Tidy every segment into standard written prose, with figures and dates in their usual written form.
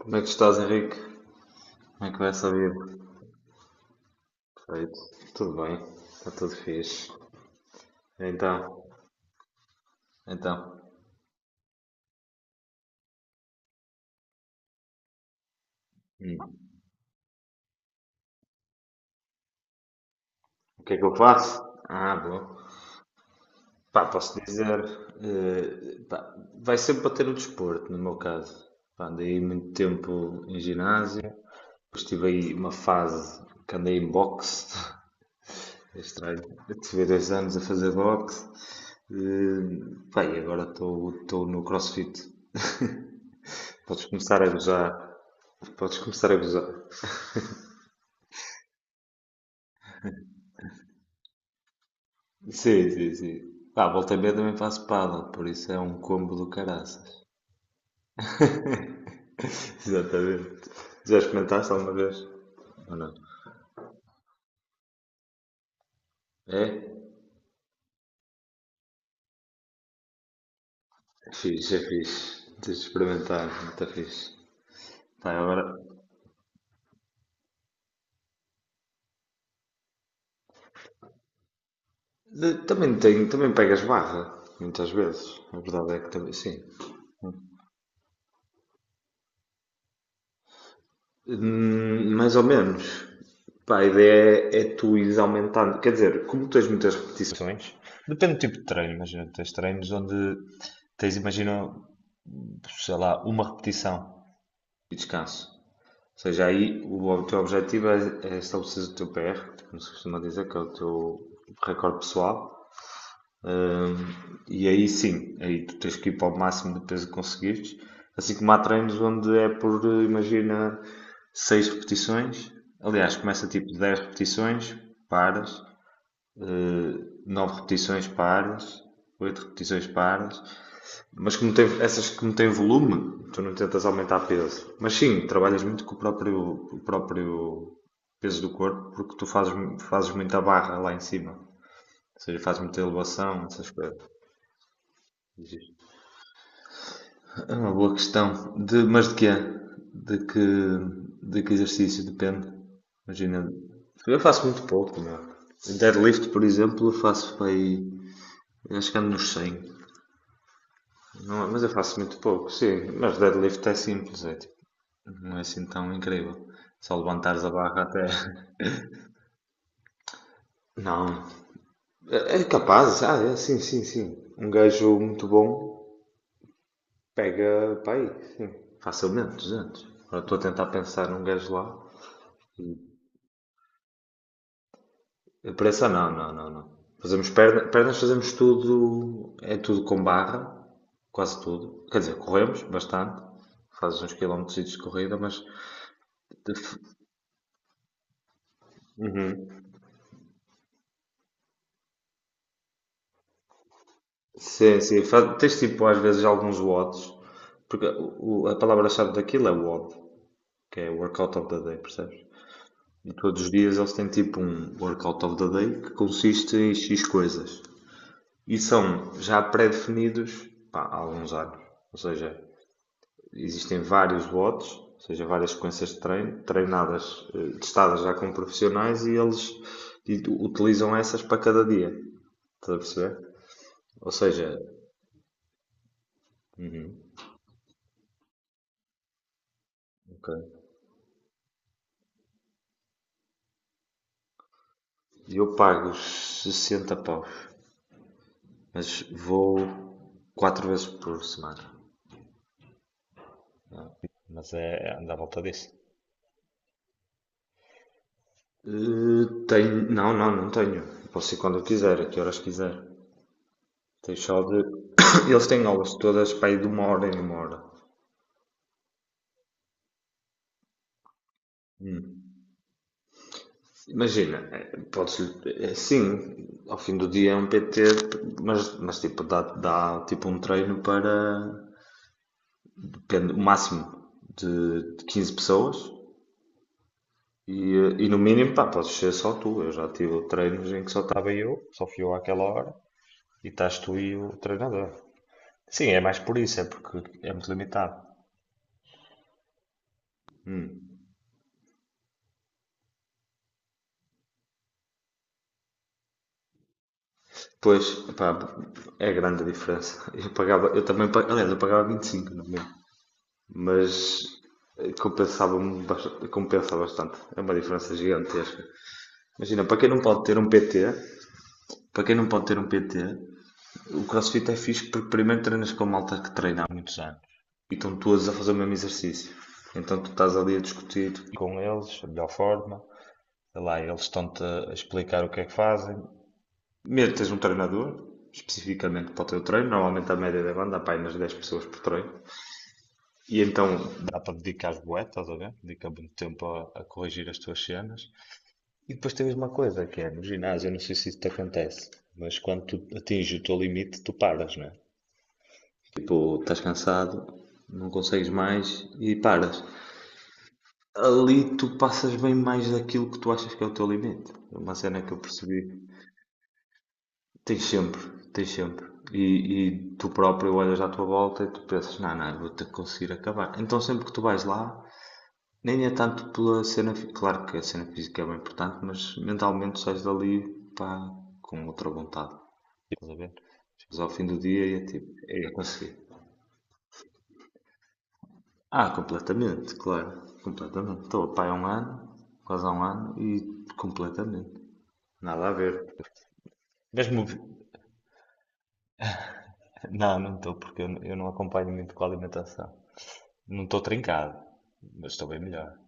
Como é que estás, Henrique? Como é que vai essa vida? Perfeito. Tudo bem. Está tudo fixe. Então, então. hum, O que é que eu faço? Ah, bom. Pá, posso dizer. Pá, vai sempre para ter o desporto, no meu caso. Pá, andei muito tempo em ginásio. Depois tive aí uma fase que andei em boxe. É estranho. Eu tive 2 anos a fazer boxe. Pá, e agora estou no CrossFit. Podes começar a gozar. Podes começar a gozar. Sim, sim, sim. Ah, volta e meia também faço paddle, por isso é um combo do caraças. Exatamente. Já experimentaste alguma vez? Ou não? É? É fixe, é fixe. Tens de experimentar, muito fixe. Pá, agora. Também tenho, também pegas barra, muitas vezes. A verdade é que também. Sim. Mais ou menos. Pá, a ideia é tu ires aumentando. Quer dizer, como tens muitas repetições, depende do tipo de treino. Imagina, tens treinos onde tens, imagina, sei lá, uma repetição e descanso. Ou seja, aí o teu objetivo é estabelecer o teu PR, como se costuma dizer, que é o teu recorde pessoal. Hum, e aí sim, aí tu tens que ir para o máximo de peso que conseguires. Assim como há treinos onde é por, imagina, 6 repetições. Aliás, começa tipo 10 repetições, paras, uh, 9 repetições, paras, 8 repetições, paras. Mas como tem, essas que não têm volume, tu não tentas aumentar peso. Mas sim, trabalhas muito com o próprio peso do corpo, porque tu fazes muita barra lá em cima. Ou seja, fazes muita elevação, essas coisas. É uma boa questão. De, mas de quê? De que, de que exercício? Depende. Imagina. Eu faço muito pouco, meu. Deadlift, por exemplo, eu faço para aí. Acho que ando nos 100. Não, mas eu faço muito pouco, sim. Mas deadlift é simples, é tipo. Não é assim tão incrível. Só levantares a barra até. Não. É é capaz, ah, é, sim, sim, sim. Um gajo muito bom pega para aí, sim. Facilmente, 200. Agora estou a tentar pensar num gajo lá. Pressa não, não, não, não. Fazemos pernas, fazemos tudo, é tudo com barra, quase tudo. Quer dizer, corremos bastante, fazes uns quilómetros de corrida, mas sim, sim, faz, tens tipo às vezes alguns watts, porque a palavra-chave daquilo é WOD, que é Workout of the Day, percebes? E todos os dias eles têm tipo um Workout of the Day que consiste em X coisas. E são já pré-definidos pá, há alguns anos. Ou seja, existem vários watts, ou seja, várias sequências de treino, treinadas, testadas já com profissionais e eles utilizam essas para cada dia. Estás a perceber? Ou seja, ok, eu pago os 60 paus, mas vou 4 vezes por semana. Mas é andar à volta disso. Tenho, não, não, não tenho. Posso ir quando eu quiser, a que horas quiser. Tenho só de. Eles têm aulas todas para ir de uma hora em uma hora. Imagina, podes, sim, ao fim do dia é um PT, mas tipo, dá, dá tipo um treino para depende, o máximo de 15 pessoas e no mínimo, pá, podes ser só tu. Eu já tive treinos em que só estava eu, só fui eu àquela hora e estás tu e o treinador. Sim, é mais por isso, é porque é muito limitado. Pois, pá, é grande a diferença. Eu pagava, eu também, aliás, eu pagava 25 no meu. Mas compensava, bastante, compensa bastante. É uma diferença gigantesca. Imagina, para quem não pode ter um PT, para quem não pode ter um PT, o CrossFit é fixe porque primeiro treinas com malta que treina há muitos anos e estão todos a fazer o mesmo exercício. Então tu estás ali a discutir com eles, a melhor forma. Sei lá, eles estão-te a explicar o que é que fazem. Primeiro tens um treinador, especificamente para o teu treino. Normalmente a média deve andar para aí nas 10 pessoas por treino. E então dá para dedicar bué, estás a ver? Dedica muito tempo a corrigir as tuas cenas. E depois tens uma coisa que é, no ginásio, eu não sei se isso te acontece, mas quando tu atinges o teu limite, tu paras, não é? Tipo, estás cansado, não consegues mais e paras. Ali tu passas bem mais daquilo que tu achas que é o teu limite. É uma cena que eu percebi. Tens sempre, tens sempre. E tu próprio olhas à tua volta e tu pensas, não, não, eu vou ter que conseguir acabar. Então sempre que tu vais lá, nem é tanto pela cena, claro que a cena física é bem importante, mas mentalmente sais dali, pá, com outra vontade. Estás a ver? Chegas ao fim do dia e é tipo, "É, eu consegui." Ah, completamente, claro, completamente. Estou a pá há um ano, quase há um ano e completamente. Nada a ver. Mesmo. Não, não estou, porque eu não acompanho muito com a alimentação. Não estou trincado, mas estou bem melhor.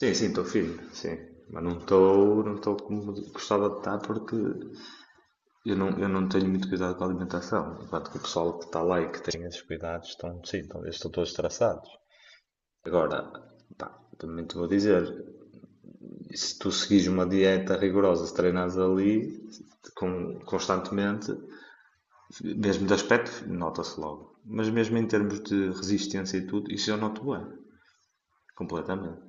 Sim, sim, estou firme, sim. Mas não estou, não estou como gostava de estar porque eu não tenho muito cuidado com a alimentação, enquanto que o pessoal que está lá e que tem esses cuidados estão, sim, estão, eles estão todos traçados. Agora, pá, também te vou dizer, se tu seguires uma dieta rigorosa, se treinares ali constantemente, mesmo de aspecto, nota-se logo. Mas mesmo em termos de resistência e tudo, isso eu noto bem, completamente.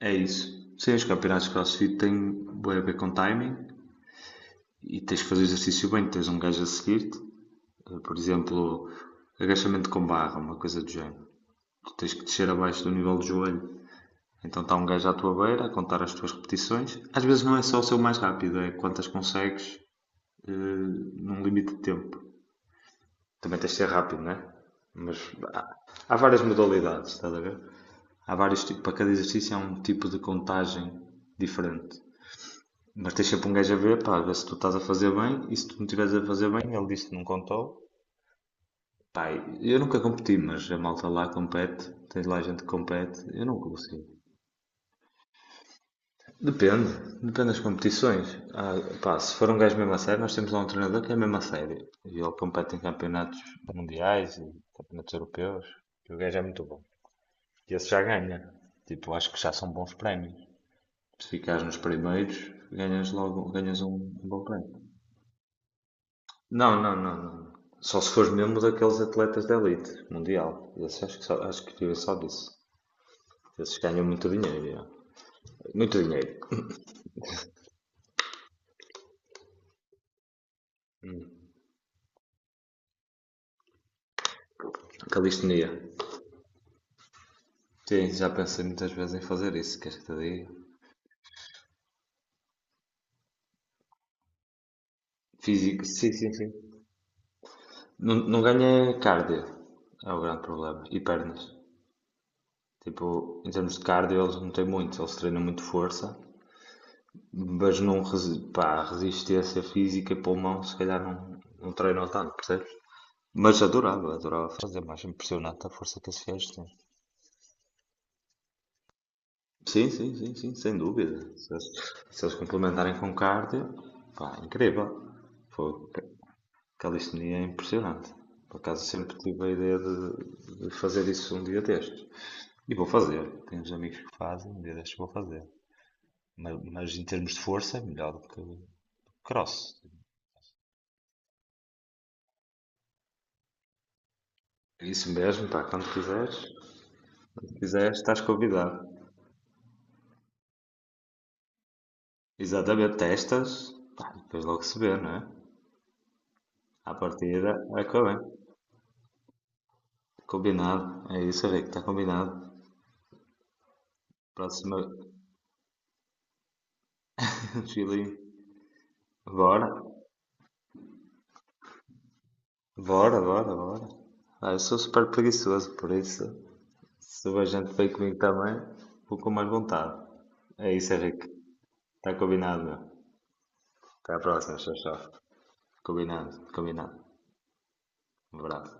É isso. Sim, os campeonatos de CrossFit têm bem a ver com timing e tens que fazer exercício bem, tens um gajo a seguir-te. É, por exemplo, agachamento com barra, uma coisa do género. Tu tens que descer abaixo do nível do joelho. Então está um gajo à tua beira a contar as tuas repetições. Às vezes não é só o seu mais rápido, é quantas consegues num limite de tempo. Também tens de ser rápido, não é? Mas há, há várias modalidades, estás a ver? Há vários tipos, para cada exercício há um tipo de contagem diferente. Mas tens sempre um gajo a ver, pá, a ver se tu estás a fazer bem e se tu não estiveres a fazer bem, ele diz que não contou. Pai, eu nunca competi, mas a malta lá compete, tem lá gente que compete, eu não consigo. Depende, depende das competições. Ah, pá, se for um gajo mesmo a sério, nós temos lá um treinador que é mesmo a sério. E ele compete em campeonatos mundiais e campeonatos europeus. E o gajo é muito bom. E esse já ganha. Tipo, acho que já são bons prémios. Se ficares nos primeiros, ganhas logo, ganhas um bom prémio. Não, não, não, não. Só se fores mesmo daqueles atletas de elite mundial. Esse acho que vive só disso. Esses ganham muito dinheiro, já. Muito dinheiro. Calistenia. Sim, já pensei muitas vezes em fazer isso, queres que te diga? Físico, sim, sim, sim. Não, não ganha cardio, é o grande problema, e pernas. Tipo, em termos de cardio eles não têm muito, eles treinam muito força, mas não, pá, resistência física e pulmão se calhar não, não treinam tanto, percebes? Mas adorava, adorava fazer, mais impressionante a força que esses gajos têm. Sim, sim, sim, sim, sem dúvida. Se eles complementarem com cardio, pá, incrível. Pô, calistenia é impressionante. Por acaso sempre tive a ideia de fazer isso um dia destes. E vou fazer. Tenho uns amigos que fazem, um dia destes vou fazer. Mas, em termos de força é melhor do que cross. É isso mesmo, pá, quando quiseres, se quiseres, estás convidado. Exatamente, testas, pá, depois logo se vê, não é? À partida, é que bem. Combinado, é isso, Rico, está combinado. Próxima fila aí. Bora. Bora, bora, bora. Ah, eu sou super preguiçoso, por isso, se a gente veio comigo também, vou com mais vontade. É isso, Henrique. Está combinado, meu. Até à próxima, tchau, tchau. Combinado, combinado. Um abraço.